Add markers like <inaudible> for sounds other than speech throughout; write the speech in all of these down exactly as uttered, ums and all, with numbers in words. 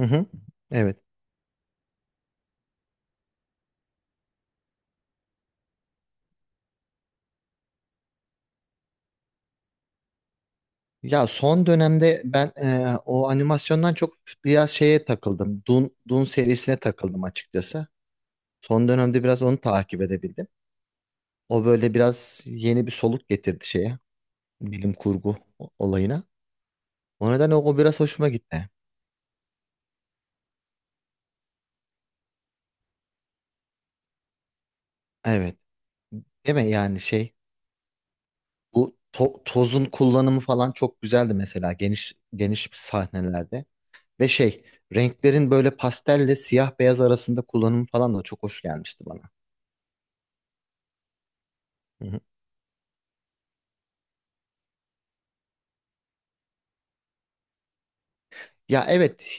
Hı hı. Evet. Ya son dönemde ben e, o animasyondan çok biraz şeye takıldım. Dune, Dune serisine takıldım açıkçası. Son dönemde biraz onu takip edebildim. O böyle biraz yeni bir soluk getirdi şeye. Bilim kurgu o- olayına. O nedenle o, o biraz hoşuma gitti. Evet. Değil mi yani şey bu to- tozun kullanımı falan çok güzeldi mesela geniş geniş sahnelerde. Ve şey renklerin böyle pastelle siyah beyaz arasında kullanımı falan da çok hoş gelmişti bana. Ya evet.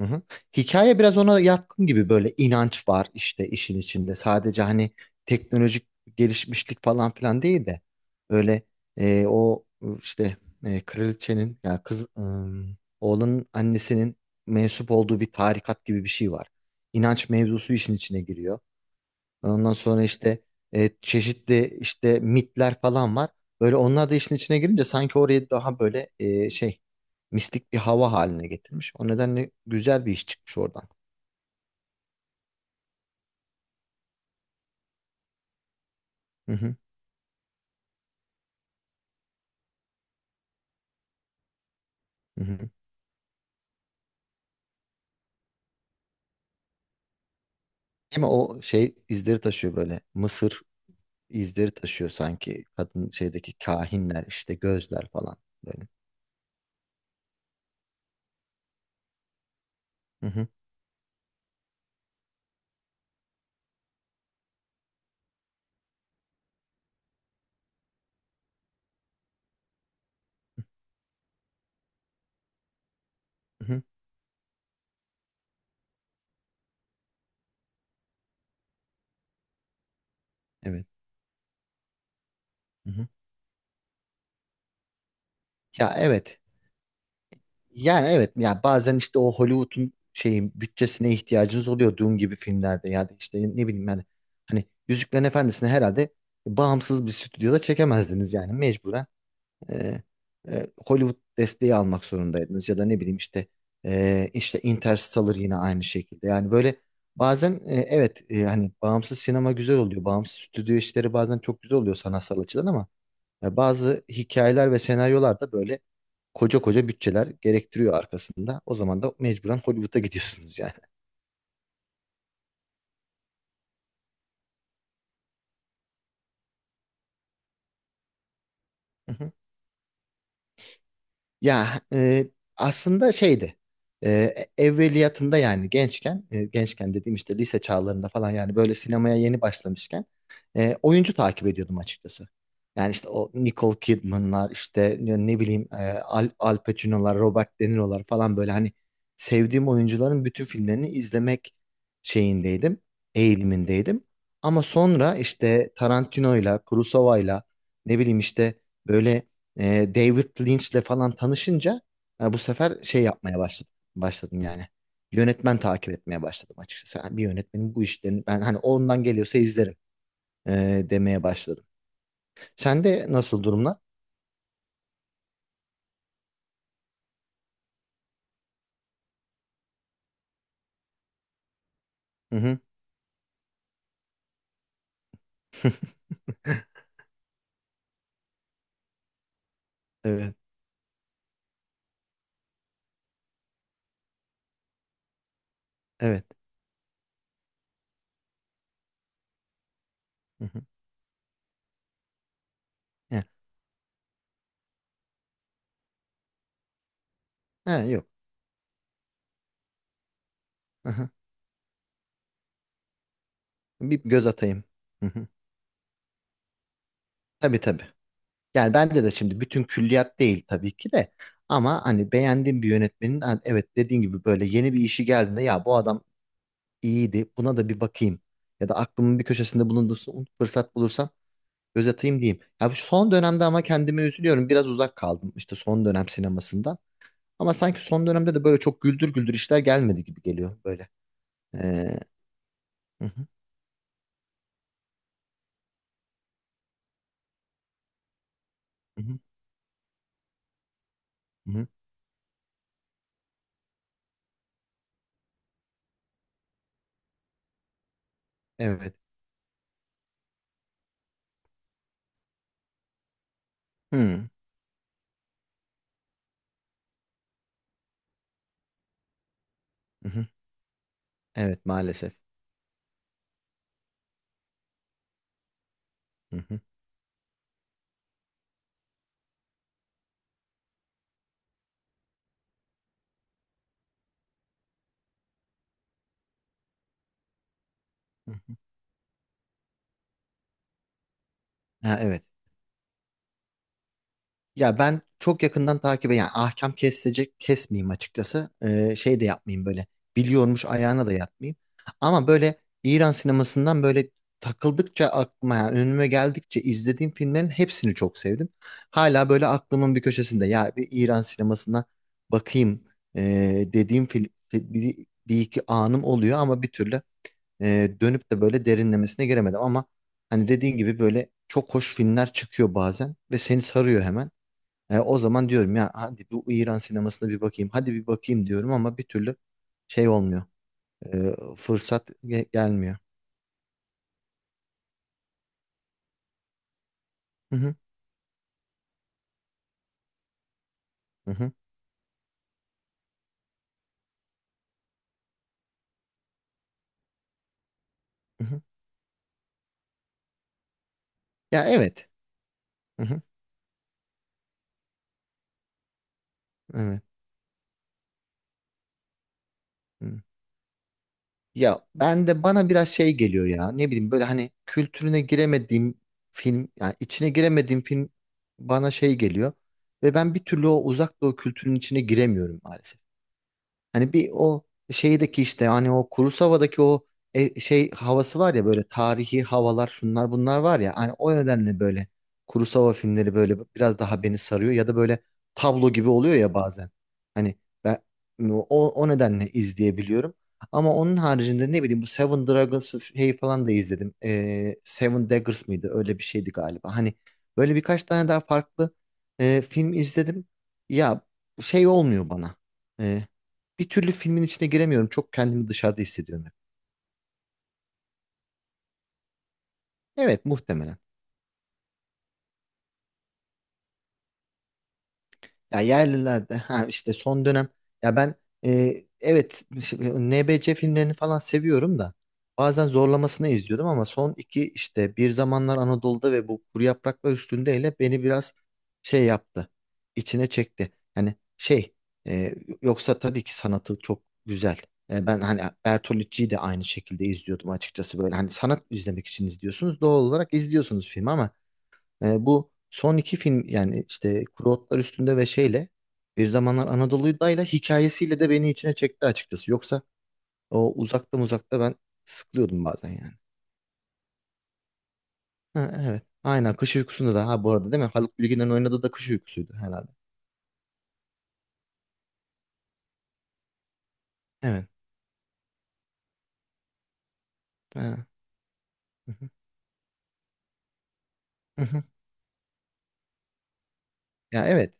Hı hı. Hikaye biraz ona yatkın gibi böyle inanç var işte işin içinde. Sadece hani teknolojik gelişmişlik falan filan değil de öyle e, o e, işte e, kraliçenin ya kız ım, oğlanın annesinin mensup olduğu bir tarikat gibi bir şey var. İnanç mevzusu işin içine giriyor. Ondan sonra işte e, çeşitli işte mitler falan var. Böyle onlar da işin içine girince sanki orayı daha böyle e, şey mistik bir hava haline getirmiş. O nedenle güzel bir iş çıkmış oradan. Hı hı, hı hı. Ama o şey izleri taşıyor böyle. Mısır izleri taşıyor sanki. Kadın şeydeki kahinler işte gözler falan böyle. Hı hı, hı hı. Evet. Hı hı. Ya evet. Yani evet ya bazen işte o Hollywood'un şeyin bütçesine ihtiyacınız oluyor Dune gibi filmlerde ya da işte ne bileyim yani hani Yüzüklerin Efendisi'ni herhalde bağımsız bir stüdyoda çekemezdiniz yani mecburen e, e, Hollywood desteği almak zorundaydınız ya da ne bileyim işte e, işte Interstellar yine aynı şekilde yani böyle bazen e, evet e, hani bağımsız sinema güzel oluyor bağımsız stüdyo işleri bazen çok güzel oluyor sanatsal açıdan ama ya bazı hikayeler ve senaryolar da böyle koca koca bütçeler gerektiriyor arkasında. O zaman da mecburen Hollywood'a gidiyorsunuz yani. <laughs> Ya e, aslında şeydi. E, evveliyatında yani gençken, e, gençken dediğim işte lise çağlarında falan yani böyle sinemaya yeni başlamışken e, oyuncu takip ediyordum açıkçası. Yani işte o Nicole Kidman'lar işte ne ne bileyim e, Al, Al Pacino'lar, Robert De Niro'lar falan böyle hani sevdiğim oyuncuların bütün filmlerini izlemek şeyindeydim, eğilimindeydim. Ama sonra işte Tarantino'yla, Kurosawa'yla ne bileyim işte böyle e, David Lynch'le falan tanışınca e, bu sefer şey yapmaya başladım. Başladım yani. Yönetmen takip etmeye başladım açıkçası. Yani bir yönetmenin bu işlerini ben hani ondan geliyorsa izlerim e, demeye başladım. Sen de nasıl durumlar? Hı hı. <laughs> Evet. Evet. Hı hı. Ha, ha, yok. Hı hı. Bir göz atayım. Hı hı. Tabii tabii. Yani bende de şimdi bütün külliyat değil tabii ki de. Ama hani beğendiğim bir yönetmenin ha, evet dediğin gibi böyle yeni bir işi geldiğinde ya bu adam iyiydi. Buna da bir bakayım. Ya da aklımın bir köşesinde bulundursun. Fırsat bulursam göz atayım diyeyim. Ya bu son dönemde ama kendime üzülüyorum. Biraz uzak kaldım işte son dönem sinemasından. Ama sanki son dönemde de böyle çok güldür güldür işler gelmedi gibi geliyor böyle. Ee, hı hı, hı hı, hı hı. Evet. Hı, hı hı. Evet maalesef. Hı hı, hı hı. Ha, evet. Ya ben çok yakından takip yani ahkam kesilecek kesmeyeyim açıkçası. Ee, şey de yapmayayım böyle biliyormuş ayağına da yatmayayım. Ama böyle İran sinemasından böyle takıldıkça aklıma yani önüme geldikçe izlediğim filmlerin hepsini çok sevdim. Hala böyle aklımın bir köşesinde ya bir İran sinemasına bakayım ee, dediğim film bir, bir iki anım oluyor ama bir türlü ee, dönüp de böyle derinlemesine giremedim ama hani dediğin gibi böyle çok hoş filmler çıkıyor bazen ve seni sarıyor hemen. E, o zaman diyorum ya hadi bu İran sinemasına bir bakayım. Hadi bir bakayım diyorum ama bir türlü şey olmuyor. E, fırsat ge- gelmiyor. Hı hı, hı hı, hı hı. Ya evet. Hı hı, evet. Hı. Ya ben de bana biraz şey geliyor ya. Ne bileyim böyle hani kültürüne giremediğim film yani içine giremediğim film bana şey geliyor ve ben bir türlü o uzak doğu kültürünün içine giremiyorum maalesef. Hani bir o şeydeki işte hani o Kurosawa'daki o e, şey havası var ya böyle tarihi havalar şunlar bunlar var ya hani o nedenle böyle Kurosawa filmleri böyle biraz daha beni sarıyor ya da böyle tablo gibi oluyor ya bazen. Hani ben o, o nedenle izleyebiliyorum. Ama onun haricinde ne bileyim bu Seven Dragons şeyi falan da izledim. Ee, Seven Daggers mıydı? Öyle bir şeydi galiba. Hani böyle birkaç tane daha farklı e, film izledim. Ya şey olmuyor bana bir türlü filmin içine giremiyorum. Çok kendimi dışarıda hissediyorum hep. Evet muhtemelen. Ya yerlilerde ha işte son dönem ya ben e, evet şimdi N B C filmlerini falan seviyorum da bazen zorlamasına izliyordum ama son iki işte Bir Zamanlar Anadolu'da ve bu Kuru Yapraklar Üstünde'yle beni biraz şey yaptı. İçine çekti. Hani şey e, yoksa tabii ki sanatı çok güzel. E, ben hani Bertolucci'yi de aynı şekilde izliyordum açıkçası böyle. Hani sanat izlemek için izliyorsunuz. Doğal olarak izliyorsunuz filmi ama E, bu son iki film yani işte Kuru Otlar Üstünde ve şeyle Bir Zamanlar Anadolu'dayla hikayesiyle de beni içine çekti açıkçası. Yoksa o uzakta uzakta ben sıkılıyordum bazen yani. Ha, evet. Aynen Kış Uykusu'nda da ha bu arada değil mi? Haluk Bilginer'in oynadığı da Kış Uykusu'ydu herhalde. Evet. Ha. Hı hı. Hı hı. Ya evet.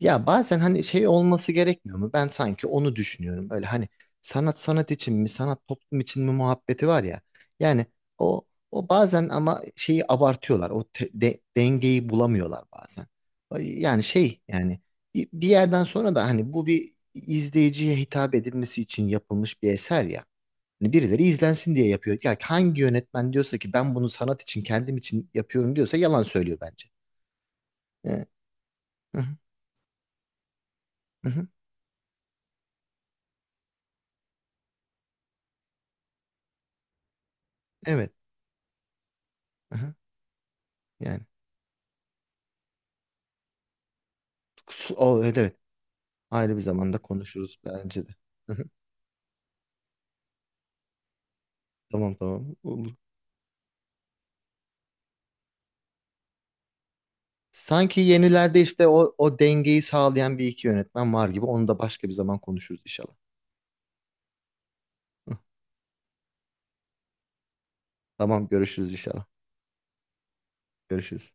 Ya bazen hani şey olması gerekmiyor mu? Ben sanki onu düşünüyorum. Böyle hani sanat sanat için mi, sanat toplum için mi muhabbeti var ya. Yani o o bazen ama şeyi abartıyorlar. O te- de- dengeyi bulamıyorlar bazen. Ay, Yani şey yani bir, bir yerden sonra da hani bu bir izleyiciye hitap edilmesi için yapılmış bir eser ya. Hani birileri izlensin diye yapıyor. Ya hangi yönetmen diyorsa ki ben bunu sanat için kendim için yapıyorum diyorsa yalan söylüyor bence. Ee, hı hı, hı hı, evet. Hı hı, yani. Su- O, evet evet. Ayrı bir zamanda konuşuruz bence de. <laughs> Tamam tamam. Olur. Sanki yenilerde işte o, o dengeyi sağlayan bir iki yönetmen var gibi. Onu da başka bir zaman konuşuruz inşallah. <laughs> Tamam görüşürüz inşallah. Görüşürüz.